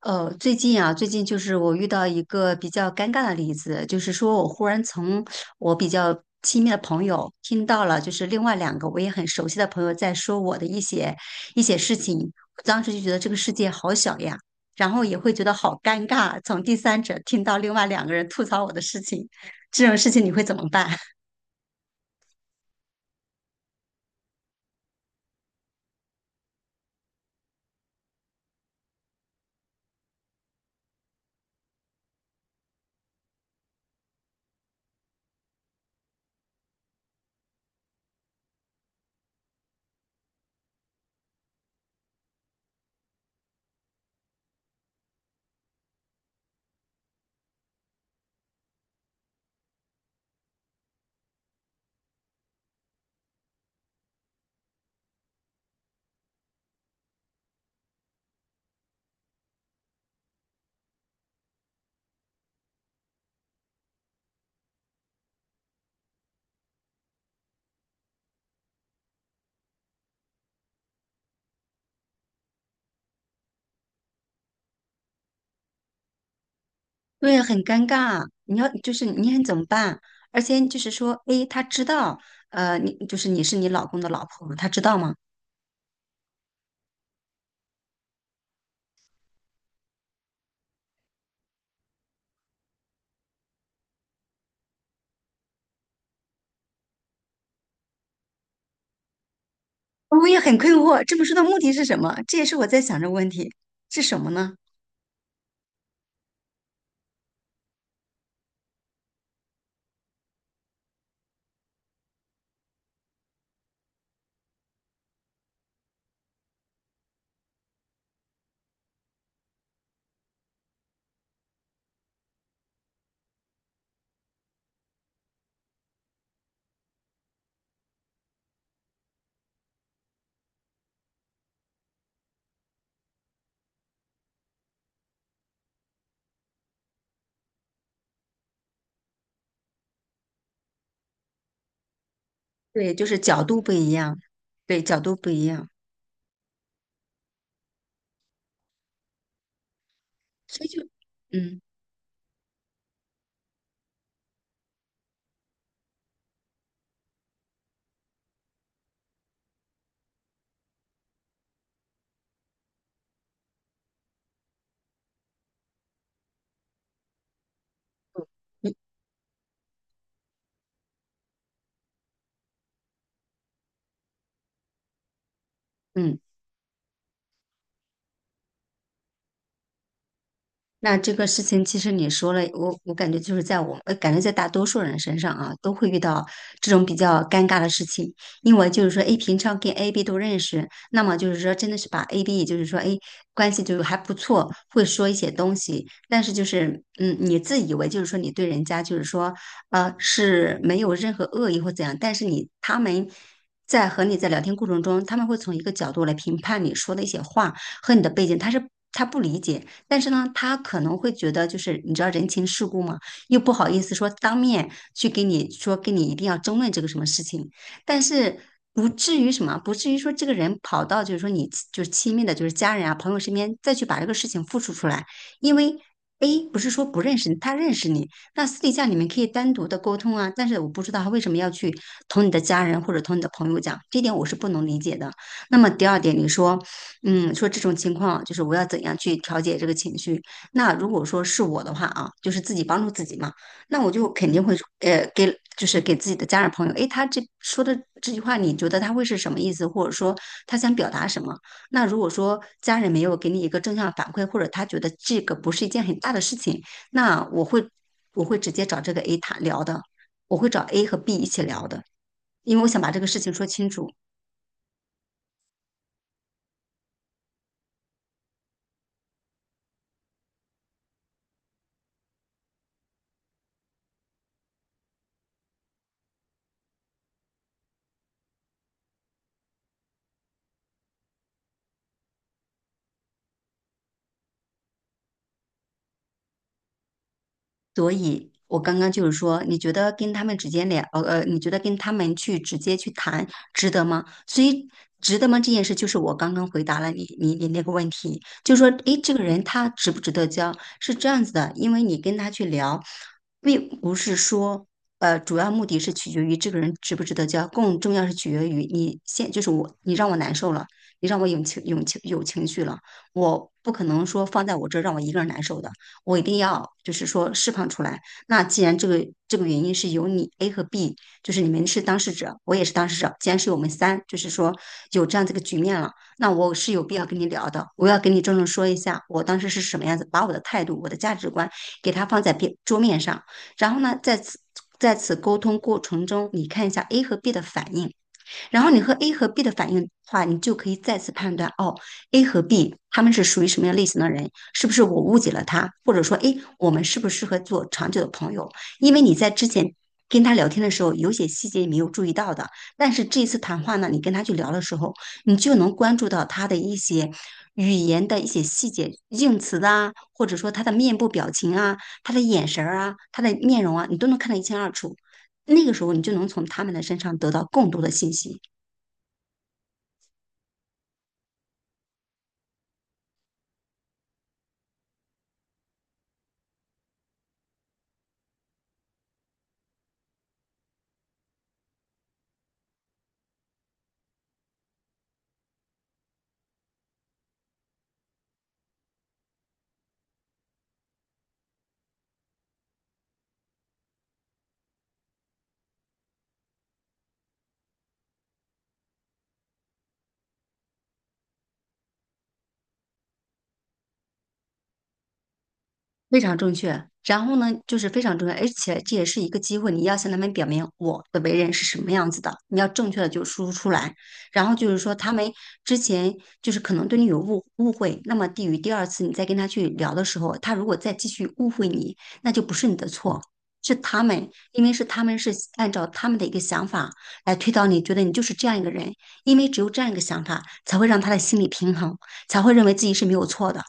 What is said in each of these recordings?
最近啊，最近就是我遇到一个比较尴尬的例子，就是说我忽然从我比较亲密的朋友听到了，就是另外两个我也很熟悉的朋友在说我的一些事情，我当时就觉得这个世界好小呀，然后也会觉得好尴尬，从第三者听到另外两个人吐槽我的事情，这种事情你会怎么办？对，很尴尬，你要就是你很怎么办？而且就是说，诶，他知道，你就是你是你老公的老婆，他知道吗？我们也很困惑，这本书的目的是什么？这也是我在想这个问题，是什么呢？对，就是角度不一样，对，角度不一样，所以就，嗯，你嗯，那这个事情，其实你说了，我感觉就是在我，感觉在大多数人身上啊，都会遇到这种比较尴尬的事情。因为就是说，A 平常跟 A、B 都认识，那么就是说，真的是把 A、B，也就是说，诶关系就是还不错，会说一些东西，但是就是，嗯，你自以为就是说你对人家就是说，是没有任何恶意或怎样，但是你他们。在和你在聊天过程中，他们会从一个角度来评判你说的一些话和你的背景，他不理解，但是呢，他可能会觉得就是你知道人情世故嘛，又不好意思说当面去给你说跟你一定要争论这个什么事情，但是。不至于什么，不至于说这个人跑到就是说你就是亲密的，就是家人啊、朋友身边再去把这个事情复述出来，因为 A 不是说不认识你，他认识你，那私底下你们可以单独的沟通啊。但是我不知道他为什么要去同你的家人或者同你的朋友讲，这点我是不能理解的。那么第二点，你说。嗯，说这种情况就是我要怎样去调节这个情绪？那如果说是我的话啊，就是自己帮助自己嘛，那我就肯定会给就是给自己的家人朋友，诶，他这说的这句话，你觉得他会是什么意思，或者说他想表达什么？那如果说家人没有给你一个正向反馈，或者他觉得这个不是一件很大的事情，那我会直接找这个 A 谈聊的，我会找 A 和 B 一起聊的，因为我想把这个事情说清楚。所以，我刚刚就是说，你觉得跟他们直接聊，你觉得跟他们去直接去谈，值得吗？所以，值得吗？这件事就是我刚刚回答了你，你那个问题，就是说，诶，这个人他值不值得交，是这样子的，因为你跟他去聊，并不是说，主要目的是取决于这个人值不值得交，更重要是取决于你现，就是我，你让我难受了，你让我有情绪了我不可能说放在我这儿让我一个人难受的。我一定要就是说释放出来。那既然这个原因是由你 A 和 B，就是你们是当事者，我也是当事者，既然是我们三，就是说有这样这个局面了，那我是有必要跟你聊的，我要跟你郑重说一下，我当时是什么样子，把我的态度、我的价值观给他放在边桌面上，然后呢，在此沟通过程中，你看一下 A 和 B 的反应。然后你和 A 和 B 的反应的话，你就可以再次判断哦，A 和 B 他们是属于什么样类型的人，是不是我误解了他，或者说，哎，我们适不适合做长久的朋友？因为你在之前跟他聊天的时候，有些细节你没有注意到的，但是这一次谈话呢，你跟他去聊的时候，你就能关注到他的一些。语言的一些细节、用词啊，或者说他的面部表情啊、他的眼神儿啊、他的面容啊，你都能看得一清二楚。那个时候，你就能从他们的身上得到更多的信息。非常正确。然后呢，就是非常重要，而且这也是一个机会，你要向他们表明我的为人是什么样子的，你要正确的就输出出来。然后就是说，他们之前就是可能对你有误会那么低于第二次你再跟他去聊的时候，他如果再继续误会你，那就不是你的错，是他们，因为是他们是按照他们的一个想法来推导你，觉得你就是这样一个人，因为只有这样一个想法，才会让他的心理平衡，才会认为自己是没有错的。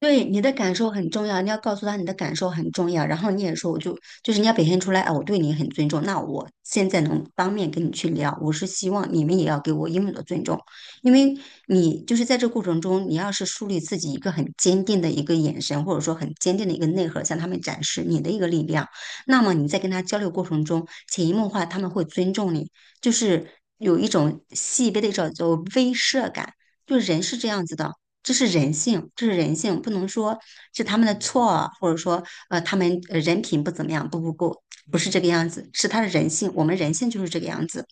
对你的感受很重要，你要告诉他你的感受很重要，然后你也说，就是你要表现出来，啊，我对你很尊重，那我现在能当面跟你去聊，我是希望你们也要给我应有的尊重，因为你就是在这过程中，你要是树立自己一个很坚定的一个眼神，或者说很坚定的一个内核，向他们展示你的一个力量，那么你在跟他交流过程中，潜移默化他们会尊重你，就是有一种细微的一种叫做威慑感，就人是这样子的。这是人性，这是人性，不能说是他们的错啊，或者说他们人品不怎么样，不是这个样子，是他的人性，我们人性就是这个样子。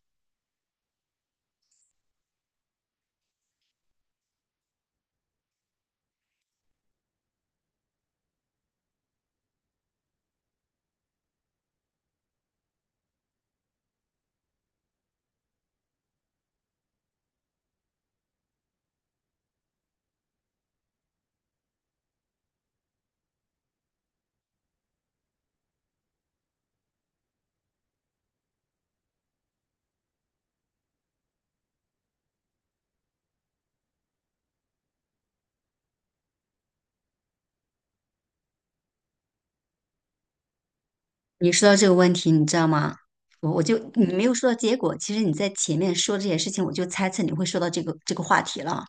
你说到这个问题，你知道吗？我就你没有说到结果，其实你在前面说这些事情，我就猜测你会说到这个话题了。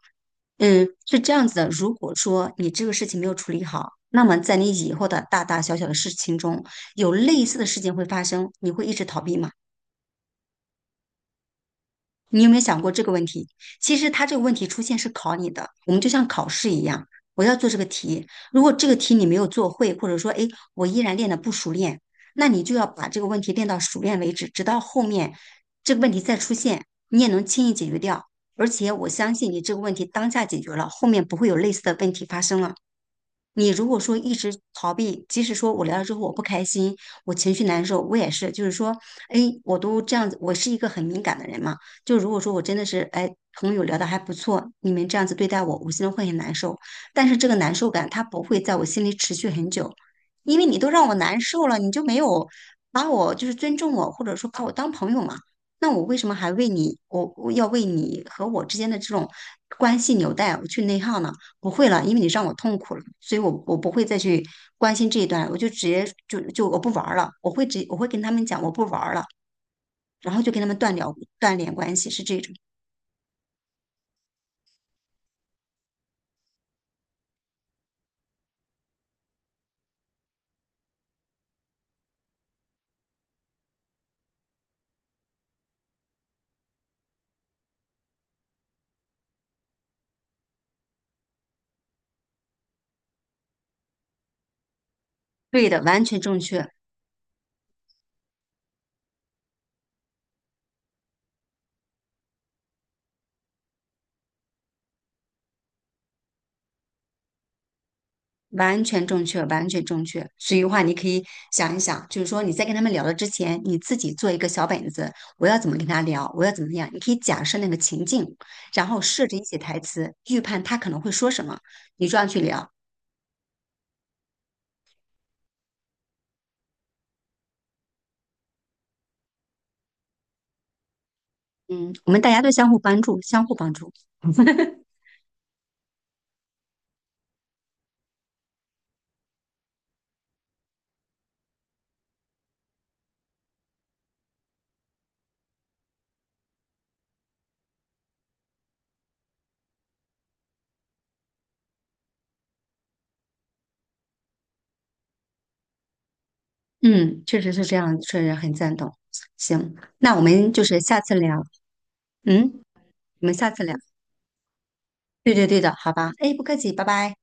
嗯，是这样子的，如果说你这个事情没有处理好，那么在你以后的大大小小的事情中，有类似的事情会发生，你会一直逃避吗？你有没有想过这个问题？其实它这个问题出现是考你的，我们就像考试一样，我要做这个题。如果这个题你没有做会，或者说，哎，我依然练得不熟练，那你就要把这个问题练到熟练为止，直到后面这个问题再出现，你也能轻易解决掉。而且我相信你这个问题当下解决了，后面不会有类似的问题发生了。你如果说一直逃避，即使说我聊了之后我不开心，我情绪难受，我也是，就是说，哎，我都这样子，我是一个很敏感的人嘛。就如果说我真的是，哎，朋友聊的还不错，你们这样子对待我，我心中会很难受。但是这个难受感它不会在我心里持续很久，因为你都让我难受了，你就没有把我就是尊重我，或者说把我当朋友嘛。那我为什么还为你，我要为你和我之间的这种关系纽带我去内耗呢？不会了，因为你让我痛苦了，所以我不会再去关心这一段，我就直接我不玩儿了，我会跟他们讲我不玩儿了，然后就跟他们断掉断联关系，是这种。对的，完全正确。所以的话，你可以想一想，就是说你在跟他们聊的之前，你自己做一个小本子，我要怎么跟他聊，我要怎么样，你可以假设那个情境，然后设置一些台词，预判他可能会说什么，你这样去聊。嗯，我们大家都相互帮助，相互帮助。嗯，确实是这样，确实很赞同。行，那我们就是下次聊。嗯，我们下次聊。对的，好吧。哎，不客气，拜拜。